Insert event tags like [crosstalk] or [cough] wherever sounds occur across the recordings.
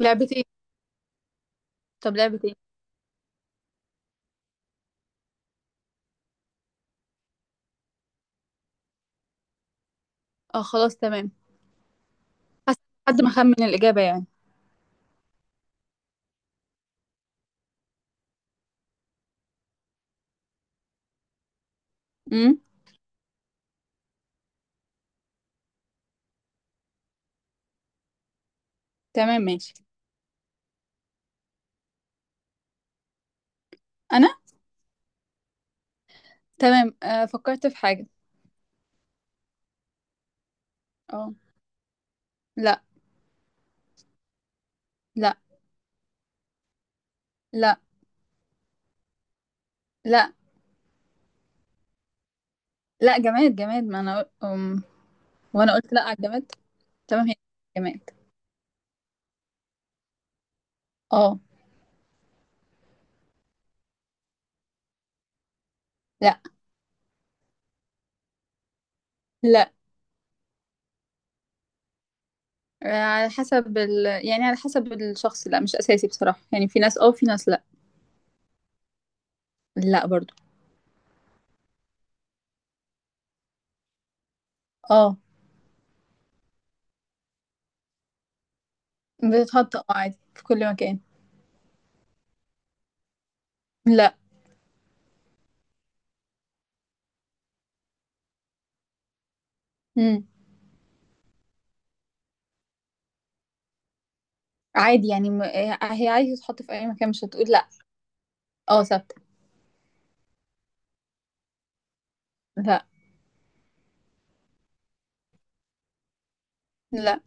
لعبة ايه؟ طب لعبة ايه؟ اه، خلاص تمام. حس. حد ما خمن الإجابة يعني. امم. تمام، ماشي. أنا. تمام، فكرت في حاجة. اه. لا. لا. لا. لا. لا، جماد جماد، ما أنا وأنا قلت لا على الجماد. تمام، هي جماد. اه. لا. لا. آه، على حسب يعني على حسب الشخص، لا مش أساسي بصراحة، يعني في ناس اه، في ناس لا. لا برضو. اه، بتتحط عادي في كل مكان. لا. امم. عادي يعني هي عادي تتحط في أي مكان، مش هتقول لا. اه، ثابتة. لا. لا.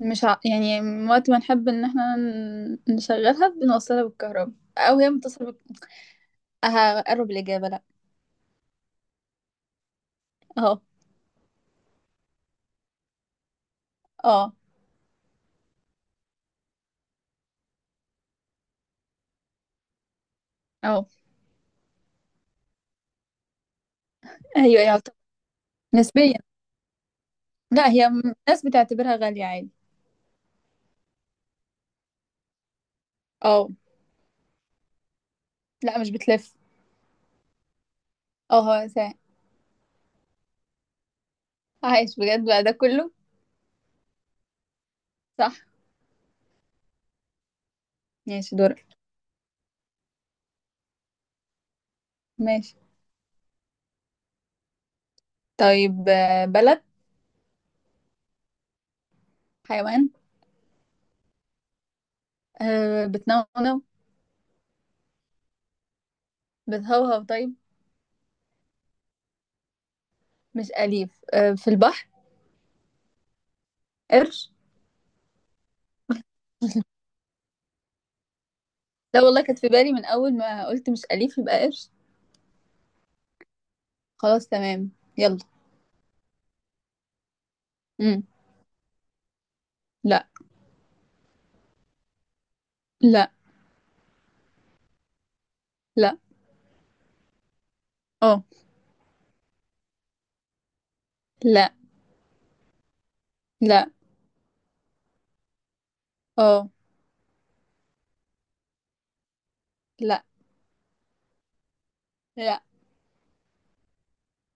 مش يعني وقت ما نحب ان احنا نشغلها بنوصلها بالكهرباء، او هي متصلة. هقرب الاجابة، لا. اهو. اه. اه. ايوه يعتبر. نسبيا. لا، هي الناس بتعتبرها غالية عادي. اه. لا، مش بتلف. اه. هو عايش بجد بقى ده كله. صح. ماشي، دورك. ماشي. طيب، بلد. حيوان. بتنونو. بتهوهو طيب. مش أليف، في البحر. قرش. لا والله، كانت في بالي من أول ما قلت مش أليف يبقى قرش. خلاص، تمام. يلا. امم. لا. لا. لا. اه. لا. لا. اه. لا. لا.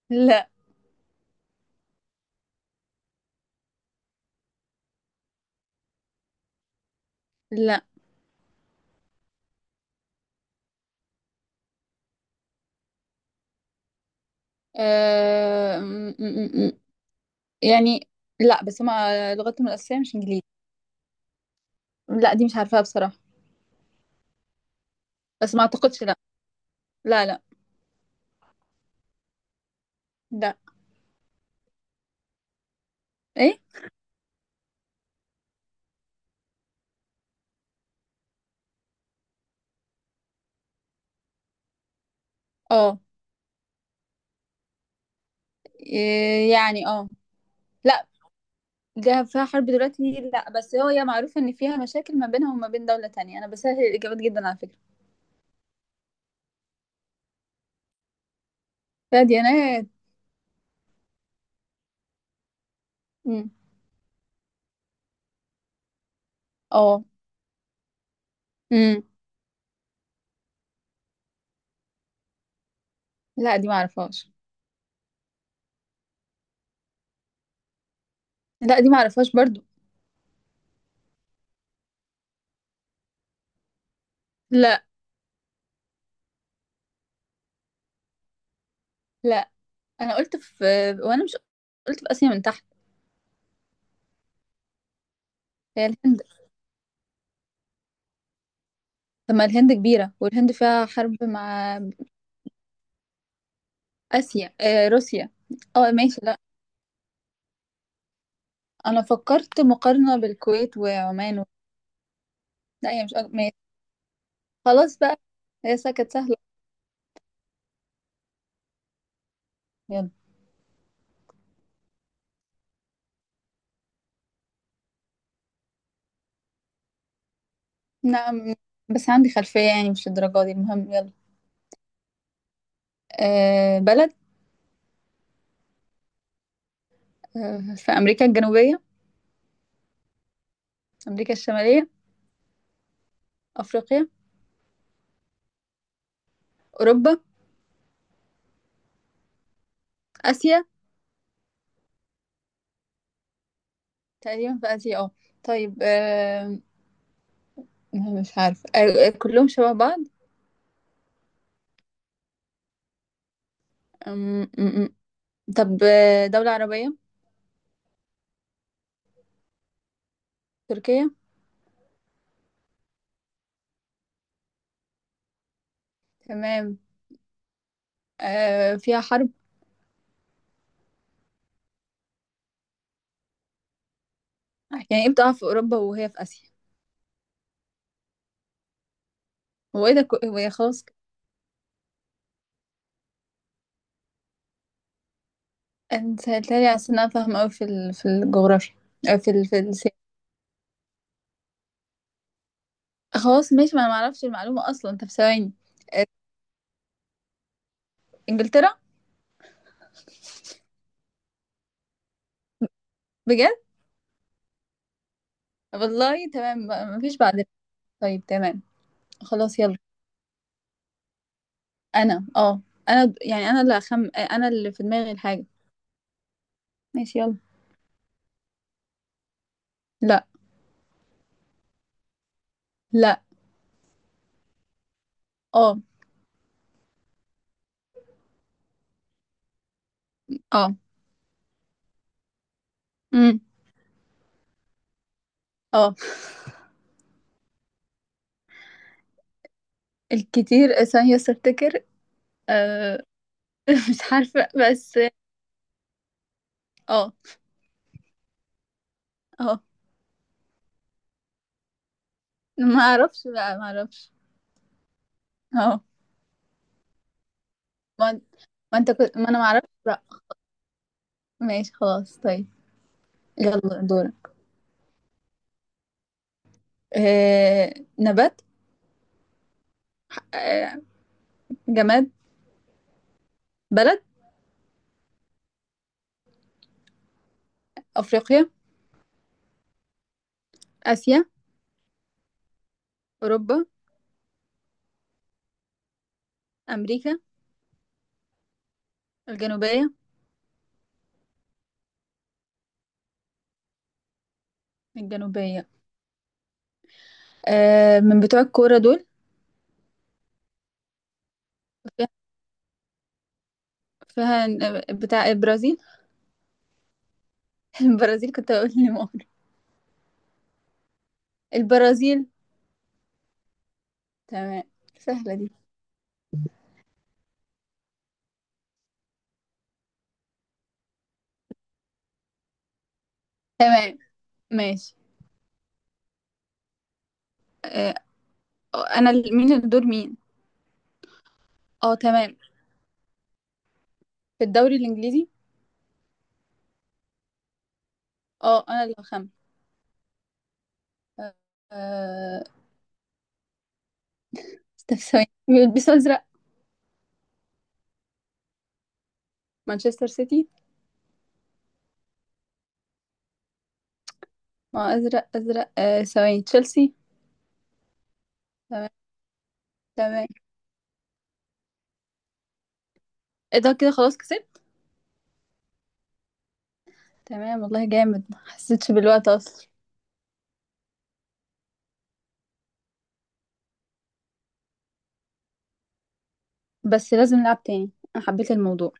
لا. لا. آه... م- م- م- يعني، لا، بس ما لغتهم الأساسية مش إنجليزي. لا، دي مش عارفاها بصراحة. بس ما أعتقدش، لا. لا، لا. لا. إيه. اه. إيه، يعني اه لا. ده فيها حرب دلوقتي لا، بس هي معروفة إن فيها مشاكل ما بينها وما بين دولة تانية، أنا بسهل الإجابات جدا على فكرة. فيها ديانات. امم. اه. امم. لا، دي ما أعرفهاش. لا، دي معرفهاش برضو. لا. لا، انا قلت في وانا مش قلت في اسيا من تحت. هي الهند. طب ما الهند كبيره، والهند فيها حرب مع اسيا، روسيا. اه، ماشي، لا. انا فكرت مقارنه بالكويت وعمان. لا، هي مش ماشي. خلاص بقى. هي كانت سهله. يلا. نعم. بس عندي خلفيه، يعني مش الدرجه دي، المهم يلا. آه، بلد. في امريكا الجنوبيه. امريكا الشماليه. افريقيا. اوروبا. اسيا. تقريبا في اسيا، اه. طيب. لا، مش عارفة، كلهم شبه بعض. أم، أم، أم. طب، دولة عربية. تركيا. تمام. فيها حرب. يعني ايه بتقع في أوروبا وهي في آسيا؟ هو ايه ده كو- هو إيه؟ خلاص. انت سألتني على أساس إن أنا فاهمة أوي في الجغرافيا، في السياسة. خلاص ماشي، ما أنا معرفش المعلومة أصلا أنت، في ثواني. إنجلترا. بجد. والله تمام، ما فيش بعد. طيب، تمام. خلاص، يلا. أنا اه أنا يعني أنا اللي في دماغي الحاجة. ماشي، يلا. لا. لا. اه. اه. امم. اه. الكتير، ثانية استفتكر. أه [laughs] مش عارفة بس. اه. اه. ما اعرفش بقى، ما اعرفش. اه. ما, ما انت كنت ما انا ما اعرفش، لا. ماشي خلاص، طيب. يلا دور. نبات. أه جماد. بلد. افريقيا. اسيا. اوروبا. امريكا. الجنوبية. الجنوبية. من بتوع الكورة دول. فيها فيها بتاع البرازيل. [laughs] البرازيل، كنت اقول لي مؤخر البرازيل. تمام. سهلة دي. تمام، ماشي. آه، انا مين الدور؟ مين؟ اه، تمام. في الدوري الانجليزي. اه، انا اللي هخمن. آه. طب ثواني، بيلبسوا ازرق؟ مانشستر سيتي. ما هو ازرق ازرق، ثواني، تشيلسي. تمام. تمام. ايه ده؟ كده خلاص كسبت. تمام والله، جامد، ما حسيتش بالوقت اصلا. بس لازم نلعب تاني. انا حبيت الموضوع.